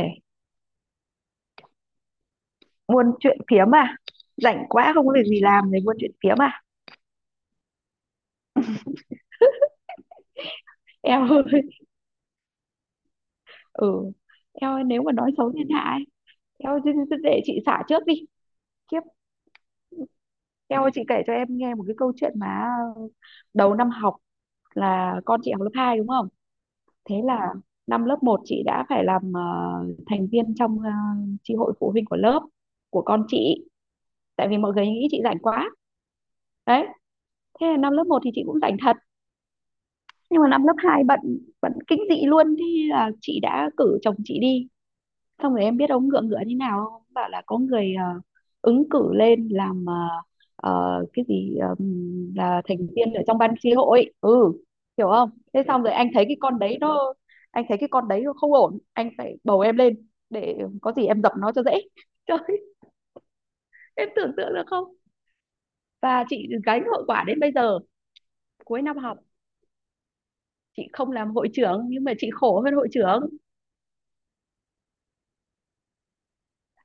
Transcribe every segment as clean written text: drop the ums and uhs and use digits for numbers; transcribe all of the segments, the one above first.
Ê, buôn chuyện phiếm à? Rảnh quá không có việc gì làm để buôn chuyện phiếm à? Eo ơi, ừ. Eo ơi, nếu mà nói xấu thiên hạ ấy, eo ơi, thế để chị xả trước đi. Kiếp, eo ơi, chị kể cho em nghe một cái câu chuyện mà đầu năm học là con chị học lớp 2 đúng không? Thế là năm lớp một chị đã phải làm thành viên trong chi hội phụ huynh của lớp của con chị. Tại vì mọi người nghĩ chị rảnh quá. Đấy, thế là năm lớp một thì chị cũng rảnh thật, nhưng mà năm lớp 2 bận, bận kinh dị luôn. Thế là chị đã cử chồng chị đi, xong rồi em biết ông ngựa ngựa thế nào không, bảo là có người ứng cử lên làm, cái gì, là thành viên ở trong ban tri hội, ừ, hiểu không? Thế xong rồi anh thấy cái con đấy nó không ổn, anh phải bầu em lên để có gì em dập nó cho dễ. Trời, em tưởng tượng được không? Và chị gánh hậu quả đến bây giờ. Cuối năm học chị không làm hội trưởng nhưng mà chị khổ hơn hội trưởng.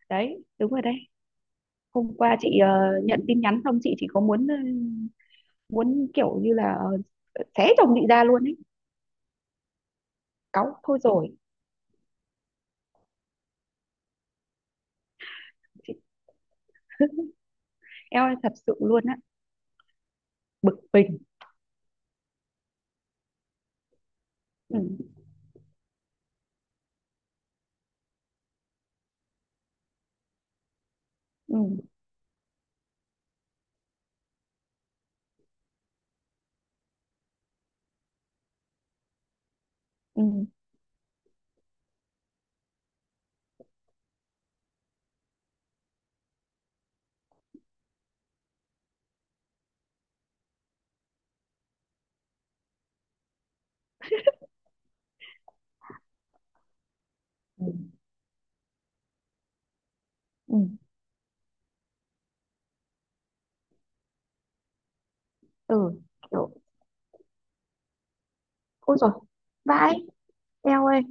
Đấy, đúng rồi đấy. Hôm qua chị nhận tin nhắn xong chị chỉ có muốn kiểu như là xé chồng chị ra luôn ấy. Cáu thôi rồi. Chị, em ơi, thật sự luôn á. Bực mình. Ừ, ừ, ừ, ừ, ừ, ừ, kiểu. Ôi rồi, vãi. Eo ơi,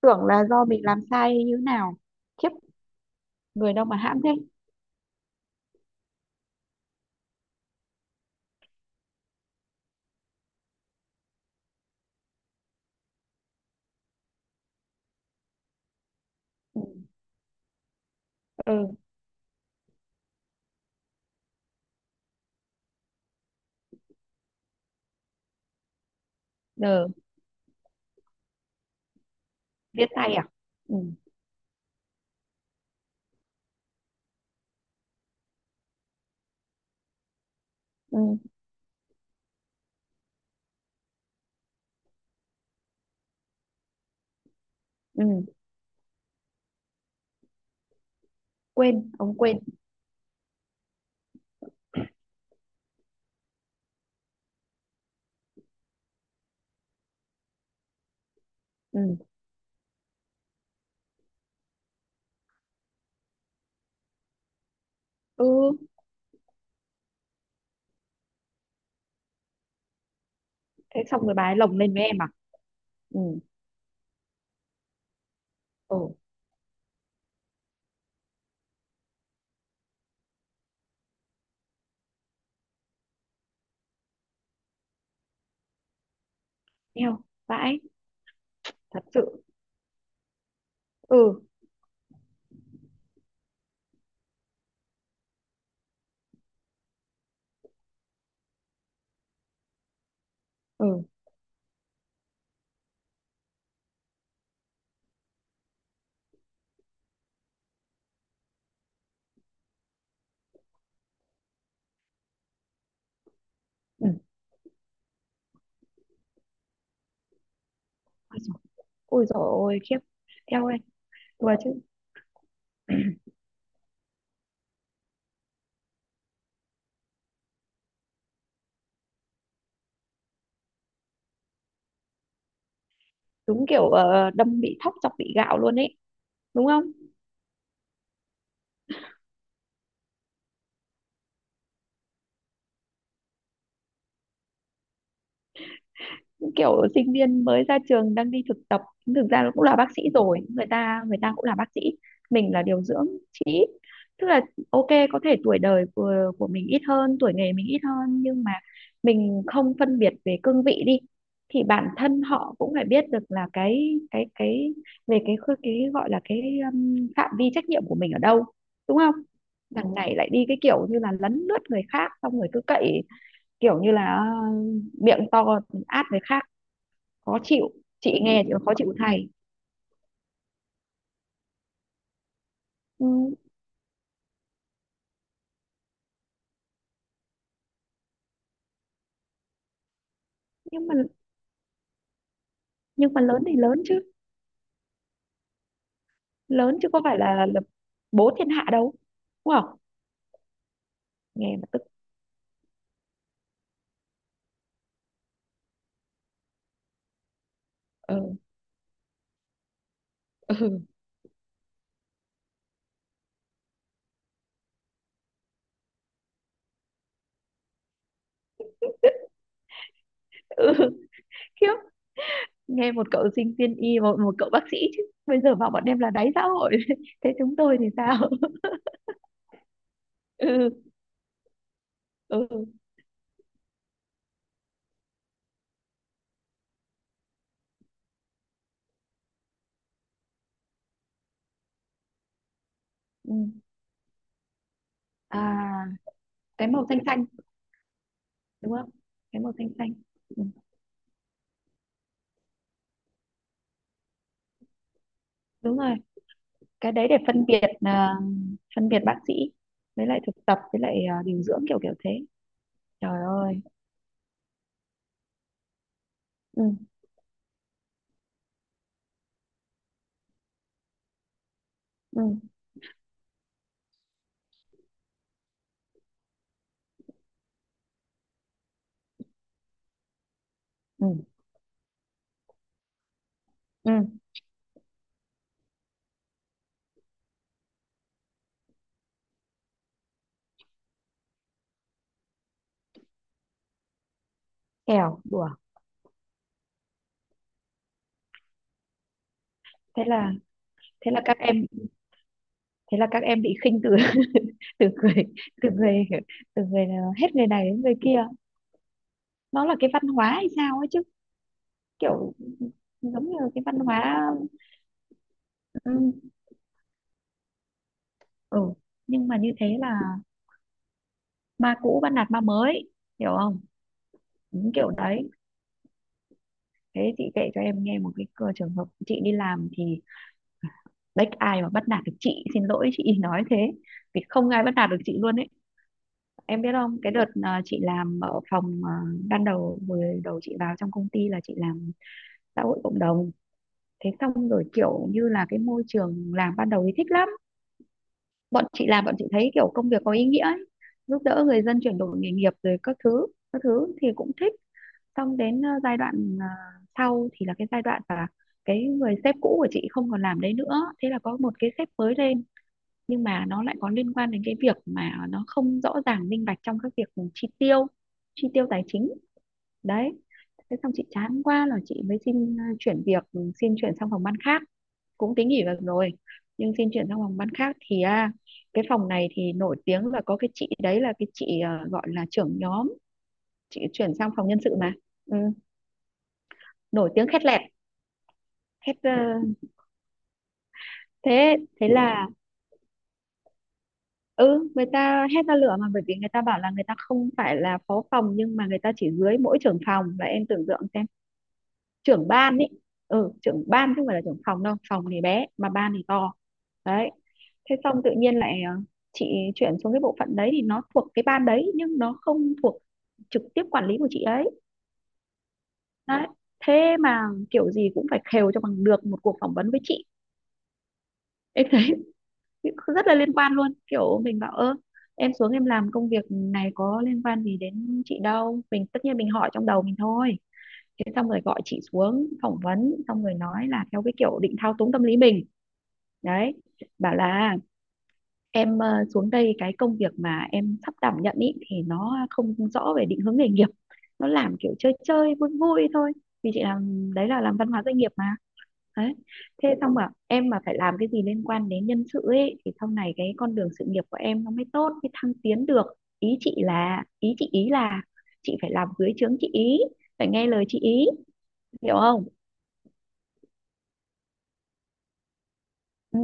tưởng là do mình làm sai như nào. Khiếp. Người đâu mà hãm thế. Ừ, ừ. Giờ viết tay à? Ừ, ừ, ừ, quên, ông quên. Ừ, ừ. Thế xong rồi bà ấy lồng lên với em à? Ừ, ừ, eo, vãi, thật sự. Ừ, ừ, ừ, ôi dồi, ôi dồi ôi, khiếp. Theo anh, đùa chứ. Đúng kiểu đâm bị thóc chọc bị gạo luôn ấy, đúng không? Đúng kiểu sinh viên mới ra trường đang đi thực tập, thực ra nó cũng là bác sĩ rồi, người ta cũng là bác sĩ. Mình là điều dưỡng, tức là OK, có thể tuổi đời của mình ít hơn, tuổi nghề mình ít hơn, nhưng mà mình không phân biệt về cương vị đi, thì bản thân họ cũng phải biết được là cái về cái cái gọi là cái phạm vi trách nhiệm của mình ở đâu, đúng không? Đằng này lại đi cái kiểu như là lấn lướt người khác xong rồi cứ cậy kiểu như là miệng to át người khác. Khó chịu. Chị nghe chị khó chịu thầy. Ừ, nhưng mà nhưng mà lớn thì lớn chứ, lớn chứ có phải là, bố thiên hạ đâu, đúng không? Nghe mà tức. ờ ừ, ừ, khiếp. Nghe một cậu sinh viên y, một một cậu bác sĩ chứ bây giờ bảo bọn em là đáy xã hội. Thế chúng tôi thì sao? Ừ, ừ, ừ. À, cái màu xanh xanh, đúng không? Cái màu xanh xanh. Ừ. Đúng rồi, cái đấy để phân biệt à, phân biệt bác sĩ với lại thực tập với lại à, điều dưỡng kiểu kiểu thế. Trời ơi. Ừ, ừ, ừ, ừ. Kèo đùa. thế là thế là các em thế là các em bị khinh. Từ từ người từ người từ người Hết người này đến người kia. Nó là cái văn hóa hay sao ấy chứ. Kiểu giống như cái văn hóa. Ừ, ừ. Nhưng mà như thế là ma cũ bắt nạt ma mới, hiểu không? Đúng kiểu đấy. Thế chị kể cho em nghe một cái trường hợp chị đi làm thì đấy, ai mà bắt nạt được chị, xin lỗi chị, nói thế vì không ai bắt nạt được chị luôn ấy. Em biết không, cái đợt à, chị làm ở phòng à, ban đầu vừa đầu chị vào trong công ty là chị làm xã hội cộng đồng. Thế xong rồi kiểu như là cái môi trường làm ban đầu thì thích lắm, bọn chị làm bọn chị thấy kiểu công việc có ý nghĩa ấy. Giúp đỡ người dân chuyển đổi nghề nghiệp rồi các thứ thì cũng thích. Xong đến giai đoạn sau thì là cái giai đoạn là cái người sếp cũ của chị không còn làm đấy nữa. Thế là có một cái sếp mới lên, nhưng mà nó lại có liên quan đến cái việc mà nó không rõ ràng minh bạch trong các việc chi tiêu, chi tiêu tài chính. Đấy. Thế xong chị chán quá là chị mới xin chuyển việc, ừ, xin chuyển sang phòng ban khác, cũng tính nghỉ việc rồi, nhưng xin chuyển sang phòng ban khác thì à, cái phòng này thì nổi tiếng là có cái chị đấy là cái chị gọi là trưởng nhóm. Chị chuyển sang phòng nhân sự mà. Ừ, nổi tiếng khét lẹt, khét ờ, thế thế là ừ, người ta hét ra lửa mà, bởi vì người ta bảo là người ta không phải là phó phòng nhưng mà người ta chỉ dưới mỗi trưởng phòng, và em tưởng tượng xem, trưởng ban ấy, ừ, trưởng ban chứ không phải là trưởng phòng đâu, phòng thì bé mà ban thì to. Đấy. Thế xong tự nhiên lại chị chuyển xuống cái bộ phận đấy thì nó thuộc cái ban đấy nhưng nó không thuộc trực tiếp quản lý của chị ấy. Đấy. Thế mà kiểu gì cũng phải khều cho bằng được một cuộc phỏng vấn với chị. Em thấy rất là liên quan luôn, kiểu mình bảo ơ, em xuống em làm công việc này có liên quan gì đến chị đâu, mình tất nhiên mình hỏi trong đầu mình thôi. Thế xong rồi gọi chị xuống phỏng vấn xong rồi nói là theo cái kiểu định thao túng tâm lý mình. Đấy, bảo là em xuống đây cái công việc mà em sắp đảm nhận ý thì nó không rõ về định hướng nghề nghiệp, nó làm kiểu chơi chơi vui vui thôi, vì chị làm đấy là làm văn hóa doanh nghiệp mà. Đấy. Thế xong mà em mà phải làm cái gì liên quan đến nhân sự ấy thì sau này cái con đường sự nghiệp của em nó mới tốt, mới thăng tiến được. Ý chị ý là chị phải làm dưới trướng chị ý, phải nghe lời chị ý, hiểu không? Ừ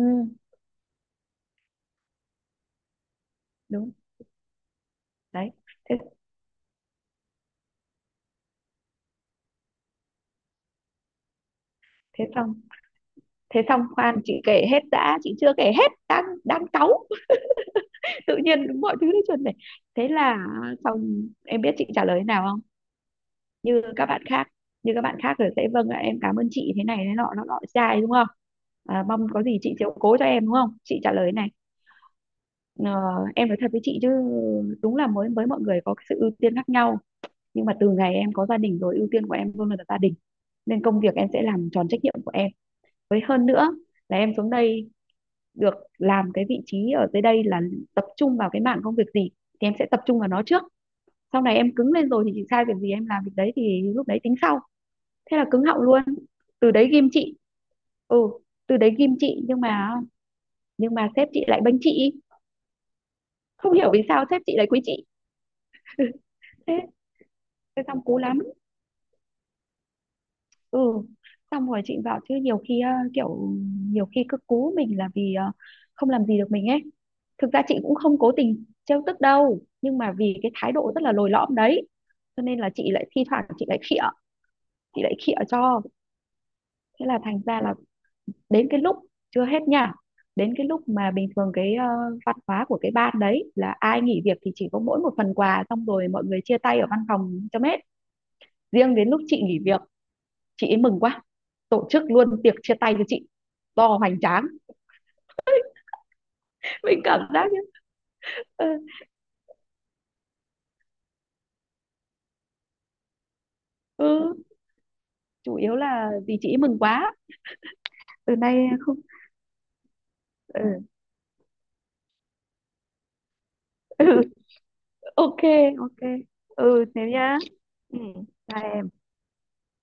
đúng. Đấy. Thế thế xong thế xong khoan chị kể hết đã, chị chưa kể hết, đang đang cáu. Tự nhiên mọi thứ nó chuẩn này. Thế là xong. Em biết chị trả lời thế nào không? Như các bạn khác như các bạn khác rồi sẽ vâng ạ em cảm ơn chị thế này thế nọ nó nọ dài, đúng không? À, mong có gì chị chiếu cố cho em, đúng không? Chị trả lời thế này: "Ờ, em nói thật với chị chứ, đúng là mới với mọi người có cái sự ưu tiên khác nhau, nhưng mà từ ngày em có gia đình rồi, ưu tiên của em luôn là gia đình, nên công việc em sẽ làm tròn trách nhiệm của em. Với hơn nữa là em xuống đây được làm cái vị trí ở dưới đây là tập trung vào cái mảng công việc gì thì em sẽ tập trung vào nó trước, sau này em cứng lên rồi thì chị sai việc gì em làm việc đấy, thì lúc đấy tính sau." Thế là cứng họng luôn, từ đấy ghim chị. Ừ, từ đấy ghim chị, nhưng mà, nhưng mà sếp chị lại bênh chị, không hiểu vì sao sếp chị lại quý chị. thế thế xong cú lắm. Ừ, xong rồi chị bảo chứ, nhiều khi kiểu nhiều khi cứ cú mình là vì không làm gì được mình ấy. Thực ra chị cũng không cố tình trêu tức đâu nhưng mà vì cái thái độ rất là lồi lõm đấy, cho nên là chị lại thi thoảng chị lại khịa, chị lại khịa cho. Thế là thành ra là đến cái lúc, chưa hết nha, đến cái lúc mà bình thường cái văn hóa của cái ban đấy là ai nghỉ việc thì chỉ có mỗi một phần quà xong rồi mọi người chia tay ở văn phòng cho hết. Riêng đến lúc chị nghỉ việc, chị ấy mừng quá, tổ chức luôn tiệc chia tay cho chị to hoành tráng. Mình cảm giác như. Ừ, ừ, chủ yếu là vì chị ấy mừng quá. Từ nay không. Ừ, ừ, OK. OK. Ừ, thế nhá. Ừ, bye em.